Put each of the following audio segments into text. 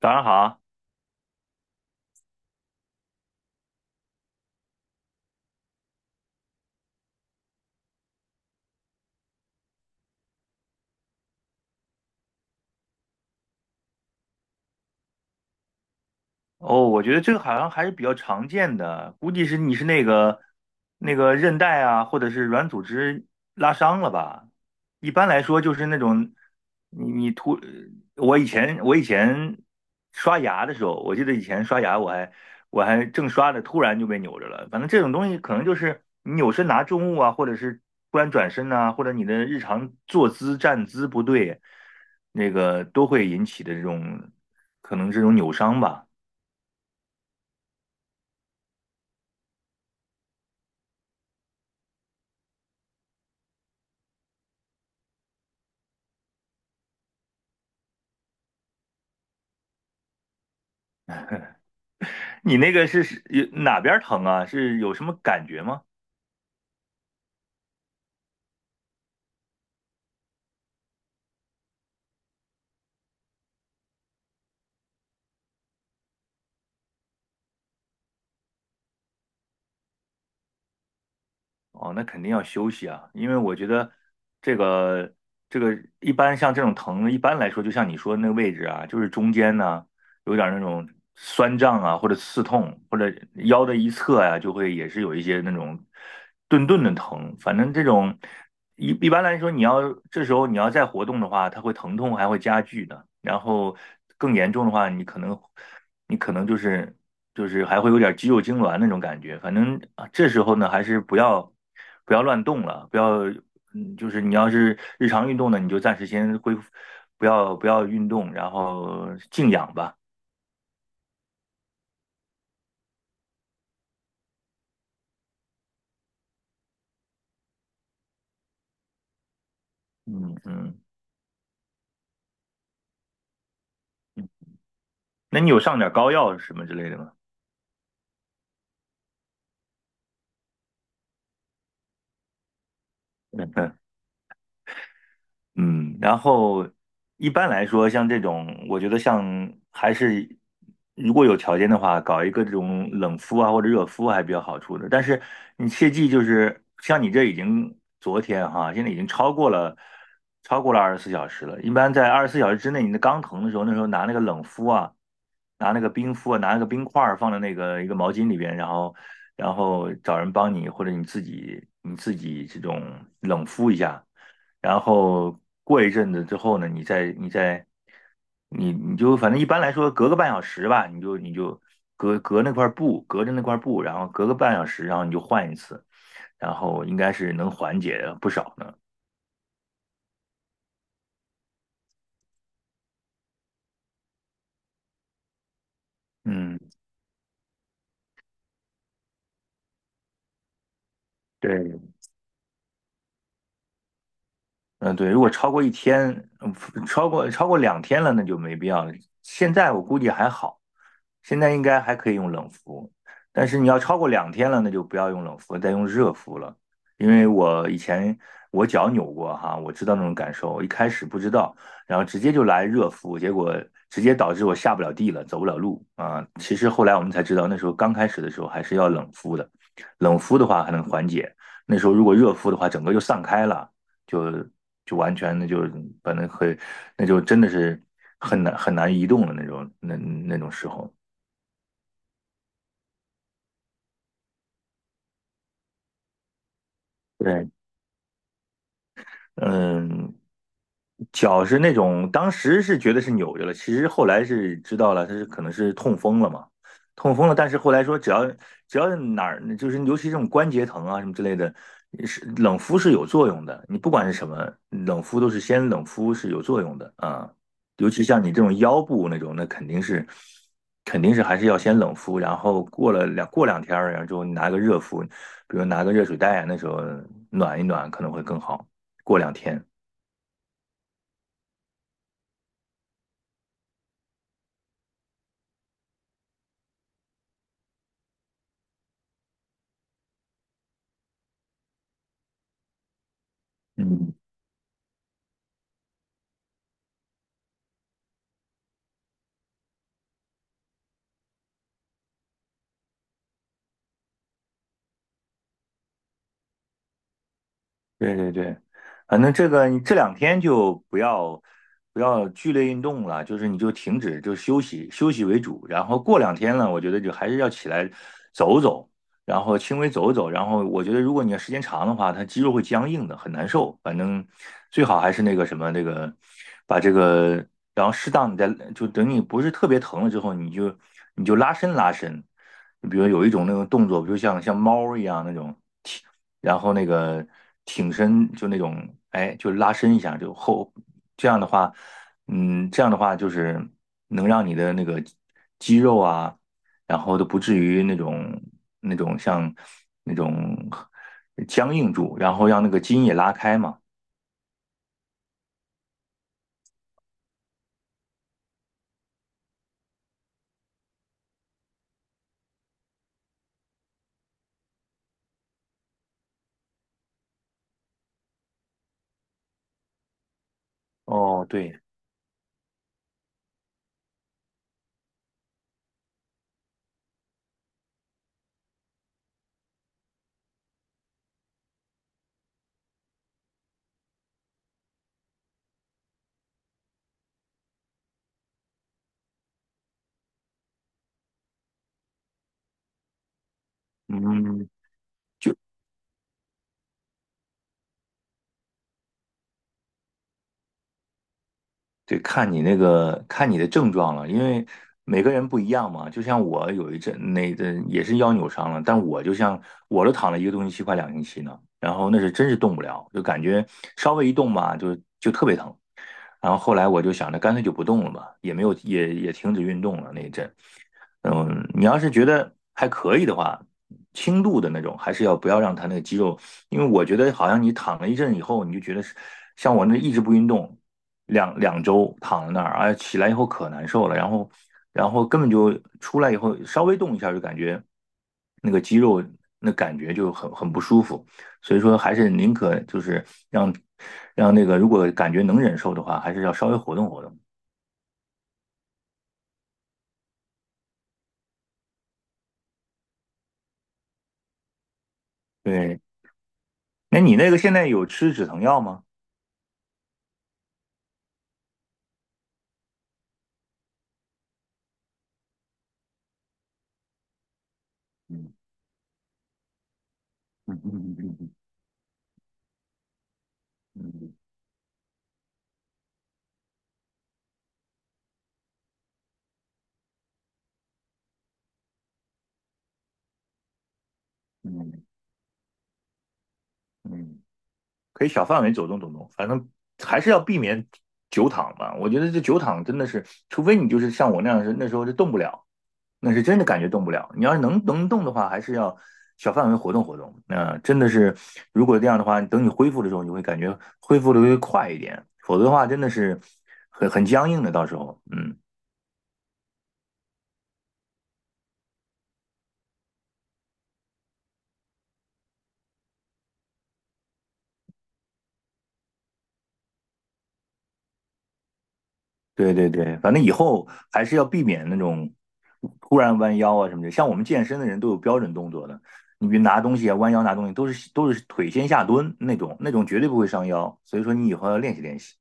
早上好。哦，我觉得这个好像还是比较常见的，估计是你是那个韧带啊，或者是软组织拉伤了吧？一般来说就是那种你你突，我以前刷牙的时候，我记得以前刷牙我还正刷着，突然就被扭着了。反正这种东西可能就是你扭身拿重物啊，或者是突然转身呐、或者你的日常坐姿站姿不对，那个都会引起的这种可能这种扭伤吧。你那个是有哪边儿疼啊？是有什么感觉吗？哦，那肯定要休息啊，因为我觉得这个这个一般像这种疼，一般来说就像你说的那个位置啊，就是中间呢有点儿那种酸胀啊，或者刺痛，或者腰的一侧呀、就会也是有一些那种顿顿的疼。反正这种一般来说，这时候你要再活动的话，它会疼痛还会加剧的。然后更严重的话，你可能就是还会有点肌肉痉挛那种感觉。反正啊，这时候呢，还是不要乱动了，不要就是你要是日常运动呢，你就暂时先恢复，不要运动，然后静养吧。嗯嗯，那你有上点膏药什么之类的吗？嗯，然后一般来说，像这种，我觉得像还是如果有条件的话，搞一个这种冷敷啊或者热敷还比较好处的。但是你切记，就是像你这已经昨天哈，现在已经超过了二十四小时了。一般在二十四小时之内，你的刚疼的时候，那时候拿那个冷敷啊，拿那个冰敷啊，拿那个冰块儿放在那个一个毛巾里边，然后然后找人帮你，或者你自己这种冷敷一下。然后过一阵子之后呢，你再你再你你就反正一般来说隔个半小时吧，你就隔着那块布，然后隔个半小时，然后你就换一次，然后应该是能缓解不少呢。嗯，对，嗯，对，如果超过1天，嗯，超过两天了，那就没必要了。现在我估计还好，现在应该还可以用冷敷，但是你要超过两天了，那就不要用冷敷，再用热敷了。因为我以前我脚扭过哈，我知道那种感受，我一开始不知道，然后直接就来热敷，结果直接导致我下不了地了，走不了路啊。其实后来我们才知道，那时候刚开始的时候还是要冷敷的，冷敷的话还能缓解，那时候如果热敷的话，整个就散开了。就就完全那就是把那很那就真的是很难很难移动的那种那种时候。对，嗯，脚是那种当时是觉得是扭着了，其实后来是知道了，他是可能是痛风了嘛，痛风了。但是后来说只要哪儿就是尤其这种关节疼啊什么之类的，是冷敷是有作用的。你不管是什么冷敷，都是先冷敷是有作用的啊。尤其像你这种腰部那种，那肯定是肯定是还是要先冷敷，然后过两天儿，然后之后你拿个热敷，比如拿个热水袋啊，那时候暖一暖可能会更好。过两天。嗯，对对对，反正这个你这2天就不要剧烈运动了，就是你就停止，就休息休息为主。然后过两天呢，我觉得就还是要起来走走，然后轻微走走。然后我觉得如果你要时间长的话，它肌肉会僵硬的，很难受。反正最好还是那个什么那个把这个，然后适当你再就等你不是特别疼了之后，你就拉伸拉伸。比如有一种那种动作，比如像猫一样那种踢然后那个挺身就那种，哎，就拉伸一下，就后，这样的话，嗯，这样的话就是能让你的那个肌肉啊，然后都不至于那种像那种僵硬住，然后让那个筋也拉开嘛。哦，对，嗯，对，看你的症状了，因为每个人不一样嘛。就像我有一阵那个也是腰扭伤了，但我就像我都躺了1个多星期，快2星期呢。然后那是真是动不了，就感觉稍微一动吧，就特别疼。然后后来我就想着干脆就不动了吧，也没有也也停止运动了那一阵。嗯，你要是觉得还可以的话，轻度的那种还是要不要让他那个肌肉，因为我觉得好像你躺了一阵以后，你就觉得是像我那一直不运动。两周躺在那儿，哎，起来以后可难受了，然后根本就出来以后稍微动一下就感觉那个肌肉那感觉就很不舒服，所以说还是宁可就是让那个如果感觉能忍受的话，还是要稍微活动活动。对，那你那个现在有吃止疼药吗？嗯嗯嗯嗯嗯嗯嗯，可以小范围走动走动，反正还是要避免久躺吧。我觉得这久躺真的是，除非你就是像我那样是那时候就动不了。那是真的感觉动不了。你要是能动的话，还是要小范围活动活动。那真的是，如果这样的话，等你恢复的时候，你会感觉恢复的会快一点，否则的话，真的是很僵硬的。到时候，嗯，对对对，反正以后还是要避免那种突然弯腰啊什么的。像我们健身的人都有标准动作的，你比如拿东西啊、弯腰拿东西，都是腿先下蹲那种，那种绝对不会伤腰。所以说，你以后要练习练习。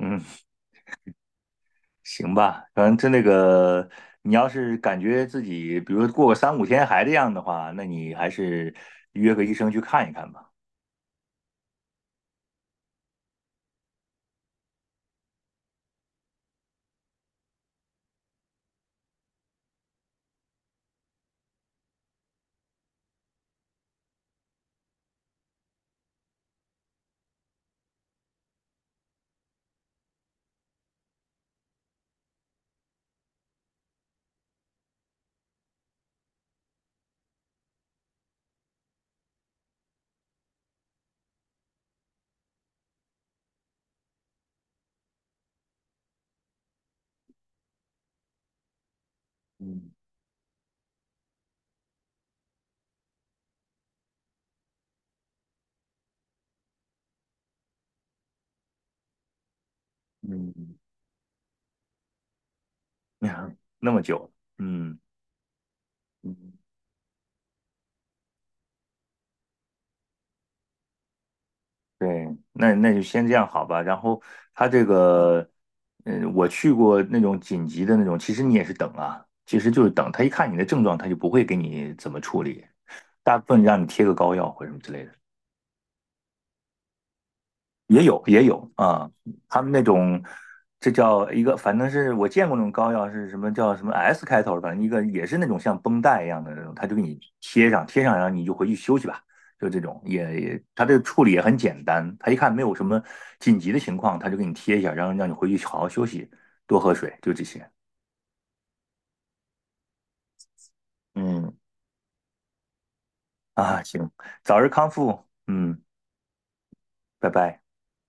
嗯。行吧，反正这那个，你要是感觉自己，比如说过个3到5天还这样的话，那你还是约个医生去看一看吧。嗯嗯 那么久。嗯，嗯对，那那就先这样好吧。然后他这个，嗯，我去过那种紧急的那种，其实你也是等啊，其实就是等他一看你的症状，他就不会给你怎么处理，大部分让你贴个膏药或者什么之类的。也有也有啊，他们那种，这叫一个，反正是我见过那种膏药，是什么叫什么 S 开头，反正一个也是那种像绷带一样的那种，他就给你贴上，贴上然后你就回去休息吧，就这种，他这个处理也很简单，他一看没有什么紧急的情况，他就给你贴一下，然后让你回去好好休息，多喝水，就这些。嗯，啊，行，早日康复，嗯，拜拜。